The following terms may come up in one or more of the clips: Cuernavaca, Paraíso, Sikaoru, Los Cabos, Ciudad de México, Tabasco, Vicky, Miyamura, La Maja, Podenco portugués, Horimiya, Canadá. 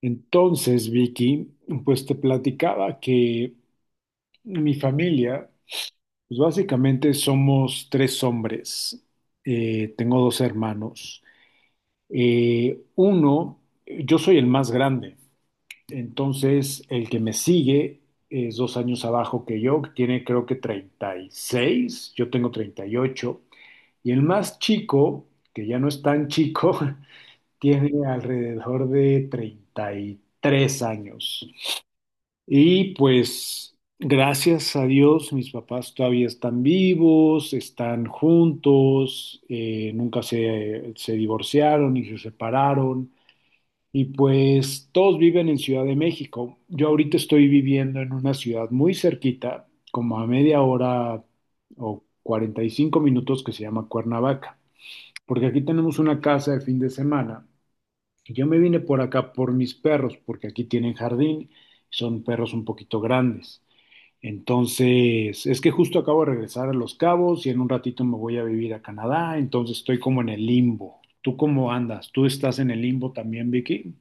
Entonces, Vicky, pues te platicaba que mi familia, pues básicamente somos tres hombres. Tengo dos hermanos. Eh, uno, yo soy el más grande. Entonces, el que me sigue es 2 años abajo que yo, que tiene creo que 36. Yo tengo treinta y ocho. Y el más chico, que ya no es tan chico, tiene alrededor de 33 años. Y pues gracias a Dios mis papás todavía están vivos, están juntos, nunca se divorciaron ni se separaron. Y pues todos viven en Ciudad de México. Yo ahorita estoy viviendo en una ciudad muy cerquita, como a media hora o 45 minutos, que se llama Cuernavaca, porque aquí tenemos una casa de fin de semana. Y yo me vine por acá por mis perros, porque aquí tienen jardín, son perros un poquito grandes. Entonces, es que justo acabo de regresar a Los Cabos y en un ratito me voy a vivir a Canadá, entonces estoy como en el limbo. ¿Tú cómo andas? ¿Tú estás en el limbo también, Vicky?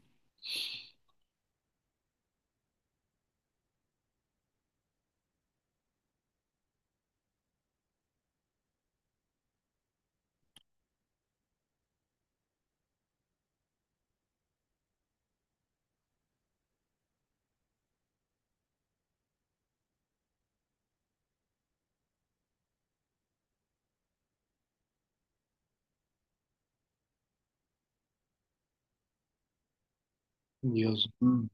Dios. Mm,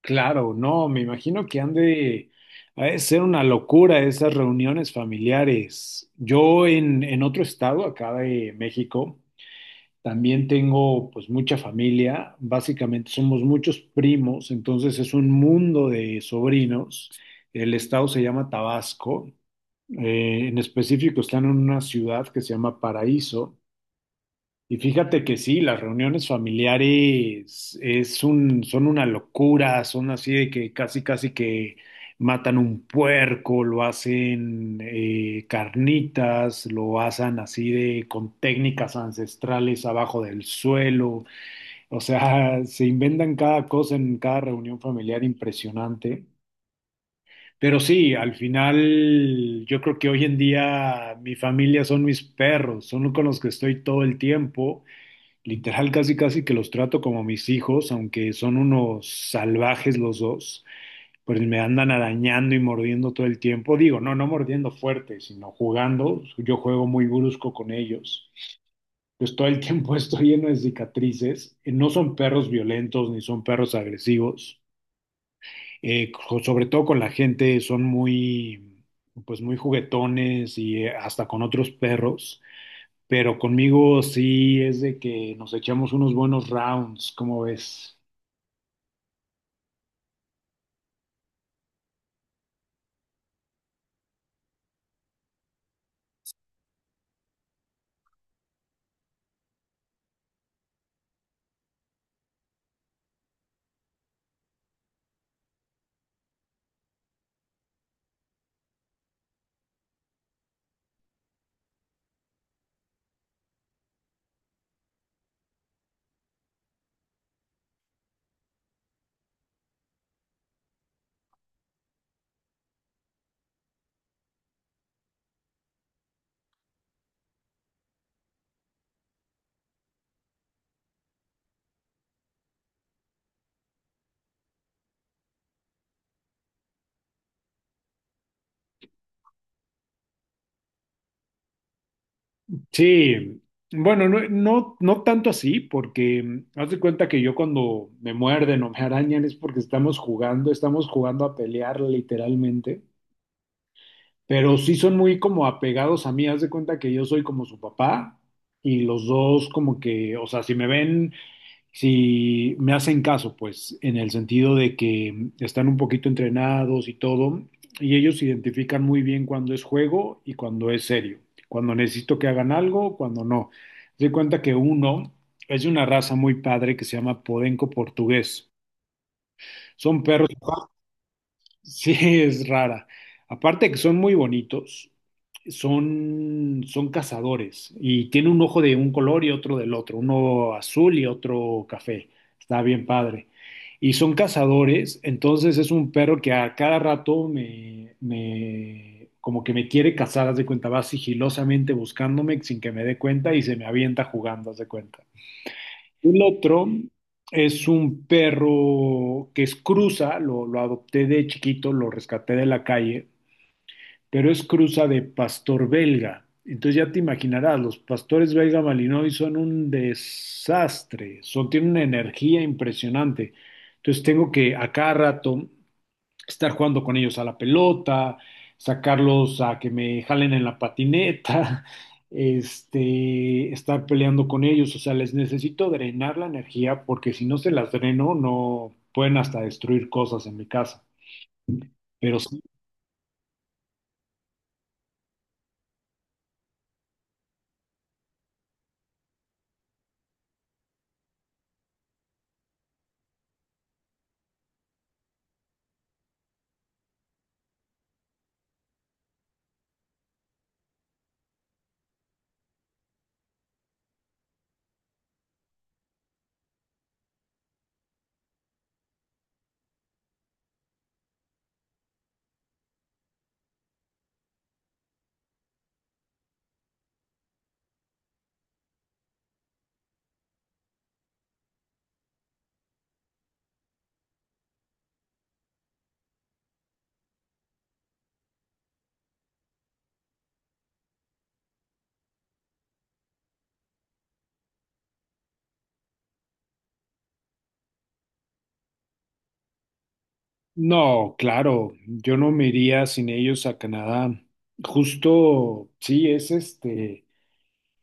claro, no, me imagino que ha de ser una locura esas reuniones familiares. Yo en otro estado, acá de México, también tengo pues mucha familia, básicamente somos muchos primos, entonces es un mundo de sobrinos. El estado se llama Tabasco. En específico están en una ciudad que se llama Paraíso. Y fíjate que sí, las reuniones familiares son una locura, son así de que casi casi que matan un puerco, lo hacen carnitas, lo hacen así de con técnicas ancestrales abajo del suelo, o sea, se inventan cada cosa en cada reunión familiar impresionante. Pero sí, al final yo creo que hoy en día mi familia son mis perros, son con los que estoy todo el tiempo. Literal, casi casi que los trato como mis hijos, aunque son unos salvajes los dos, pues me andan arañando y mordiendo todo el tiempo. Digo, no, no mordiendo fuerte, sino jugando. Yo juego muy brusco con ellos. Pues todo el tiempo estoy lleno de cicatrices. No son perros violentos ni son perros agresivos. Sobre todo con la gente son muy, pues muy juguetones y hasta con otros perros, pero conmigo sí es de que nos echamos unos buenos rounds. ¿Cómo ves? Sí, bueno, no, no, no tanto así, porque haz de cuenta que yo cuando me muerden o me arañan es porque estamos jugando a pelear literalmente, pero sí son muy como apegados a mí, haz de cuenta que yo soy como su papá y los dos como que, o sea, si me hacen caso, pues, en el sentido de que están un poquito entrenados y todo, y ellos identifican muy bien cuando es juego y cuando es serio, cuando necesito que hagan algo, cuando no. Se doy cuenta que uno es de una raza muy padre que se llama Podenco portugués. Son perros. Sí, es rara. Aparte que son muy bonitos, son cazadores y tiene un ojo de un color y otro del otro, uno azul y otro café. Está bien padre. Y son cazadores, entonces es un perro que a cada rato me como que me quiere cazar, haz de cuenta, va sigilosamente buscándome sin que me dé cuenta y se me avienta jugando, haz de cuenta. El otro es un perro que es cruza, lo adopté de chiquito, lo rescaté de la calle, pero es cruza de pastor belga. Entonces ya te imaginarás, los pastores belga malinois son un desastre, son, tienen una energía impresionante. Entonces tengo que a cada rato estar jugando con ellos a la pelota, sacarlos a que me jalen en la patineta, este, estar peleando con ellos, o sea, les necesito drenar la energía porque si no se las dreno, no pueden hasta destruir cosas en mi casa. Pero sí, no, claro, yo no me iría sin ellos a Canadá. Justo, sí, es este,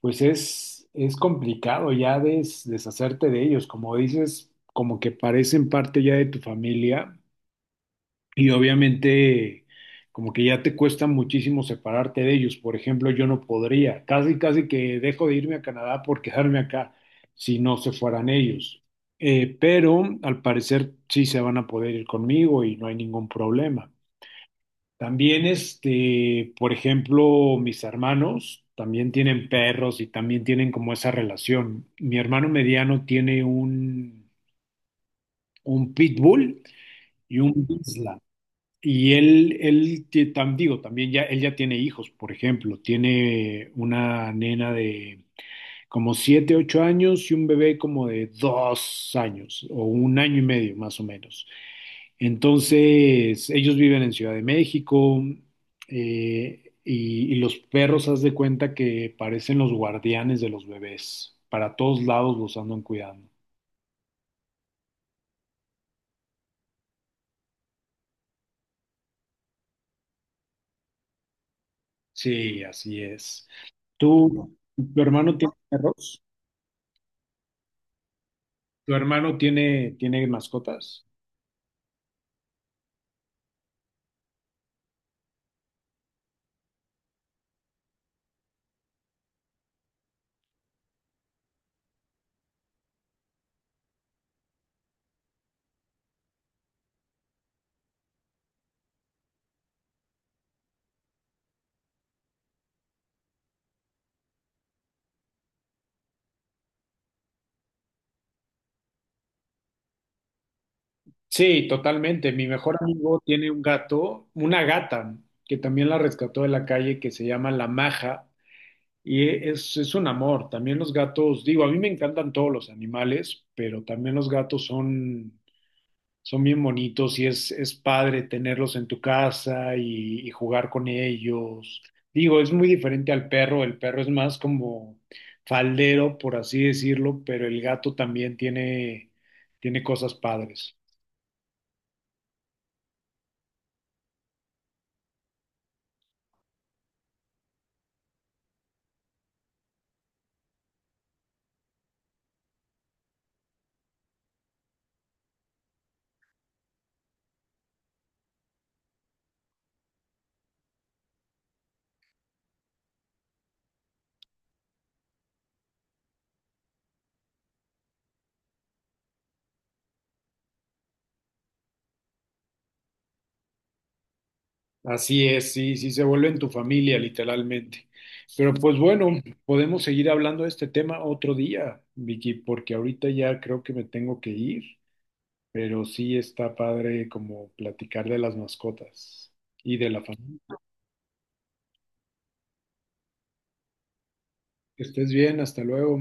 pues es complicado ya deshacerte de ellos, como dices, como que parecen parte ya de tu familia. Y obviamente, como que ya te cuesta muchísimo separarte de ellos. Por ejemplo, yo no podría, casi, casi que dejo de irme a Canadá por quedarme acá si no se fueran ellos. Pero al parecer sí se van a poder ir conmigo y no hay ningún problema. También, este, por ejemplo, mis hermanos también tienen perros y también tienen como esa relación. Mi hermano mediano tiene un pitbull y un Bichla. Y él te- tam- digo, también ya tiene hijos, por ejemplo, tiene una nena de como 7, 8 años y un bebé como de 2 años o 1 año y medio más o menos. Entonces, ellos viven en Ciudad de México, y los perros, haz de cuenta que parecen los guardianes de los bebés. Para todos lados los andan cuidando. Sí, así es. ¿Tú, tu hermano tiene perros? ¿Tu hermano tiene mascotas? Sí, totalmente. Mi mejor amigo tiene un gato, una gata, que también la rescató de la calle, que se llama La Maja, y es un amor. También los gatos, digo, a mí me encantan todos los animales, pero también los gatos son bien bonitos y es padre tenerlos en tu casa y, jugar con ellos. Digo, es muy diferente al perro, el perro es más como faldero, por así decirlo, pero el gato también tiene cosas padres. Así es, sí, sí, se vuelven tu familia, literalmente. Pero pues bueno, podemos seguir hablando de este tema otro día, Vicky, porque ahorita ya creo que me tengo que ir, pero sí está padre como platicar de las mascotas y de la familia. Que estés bien, hasta luego.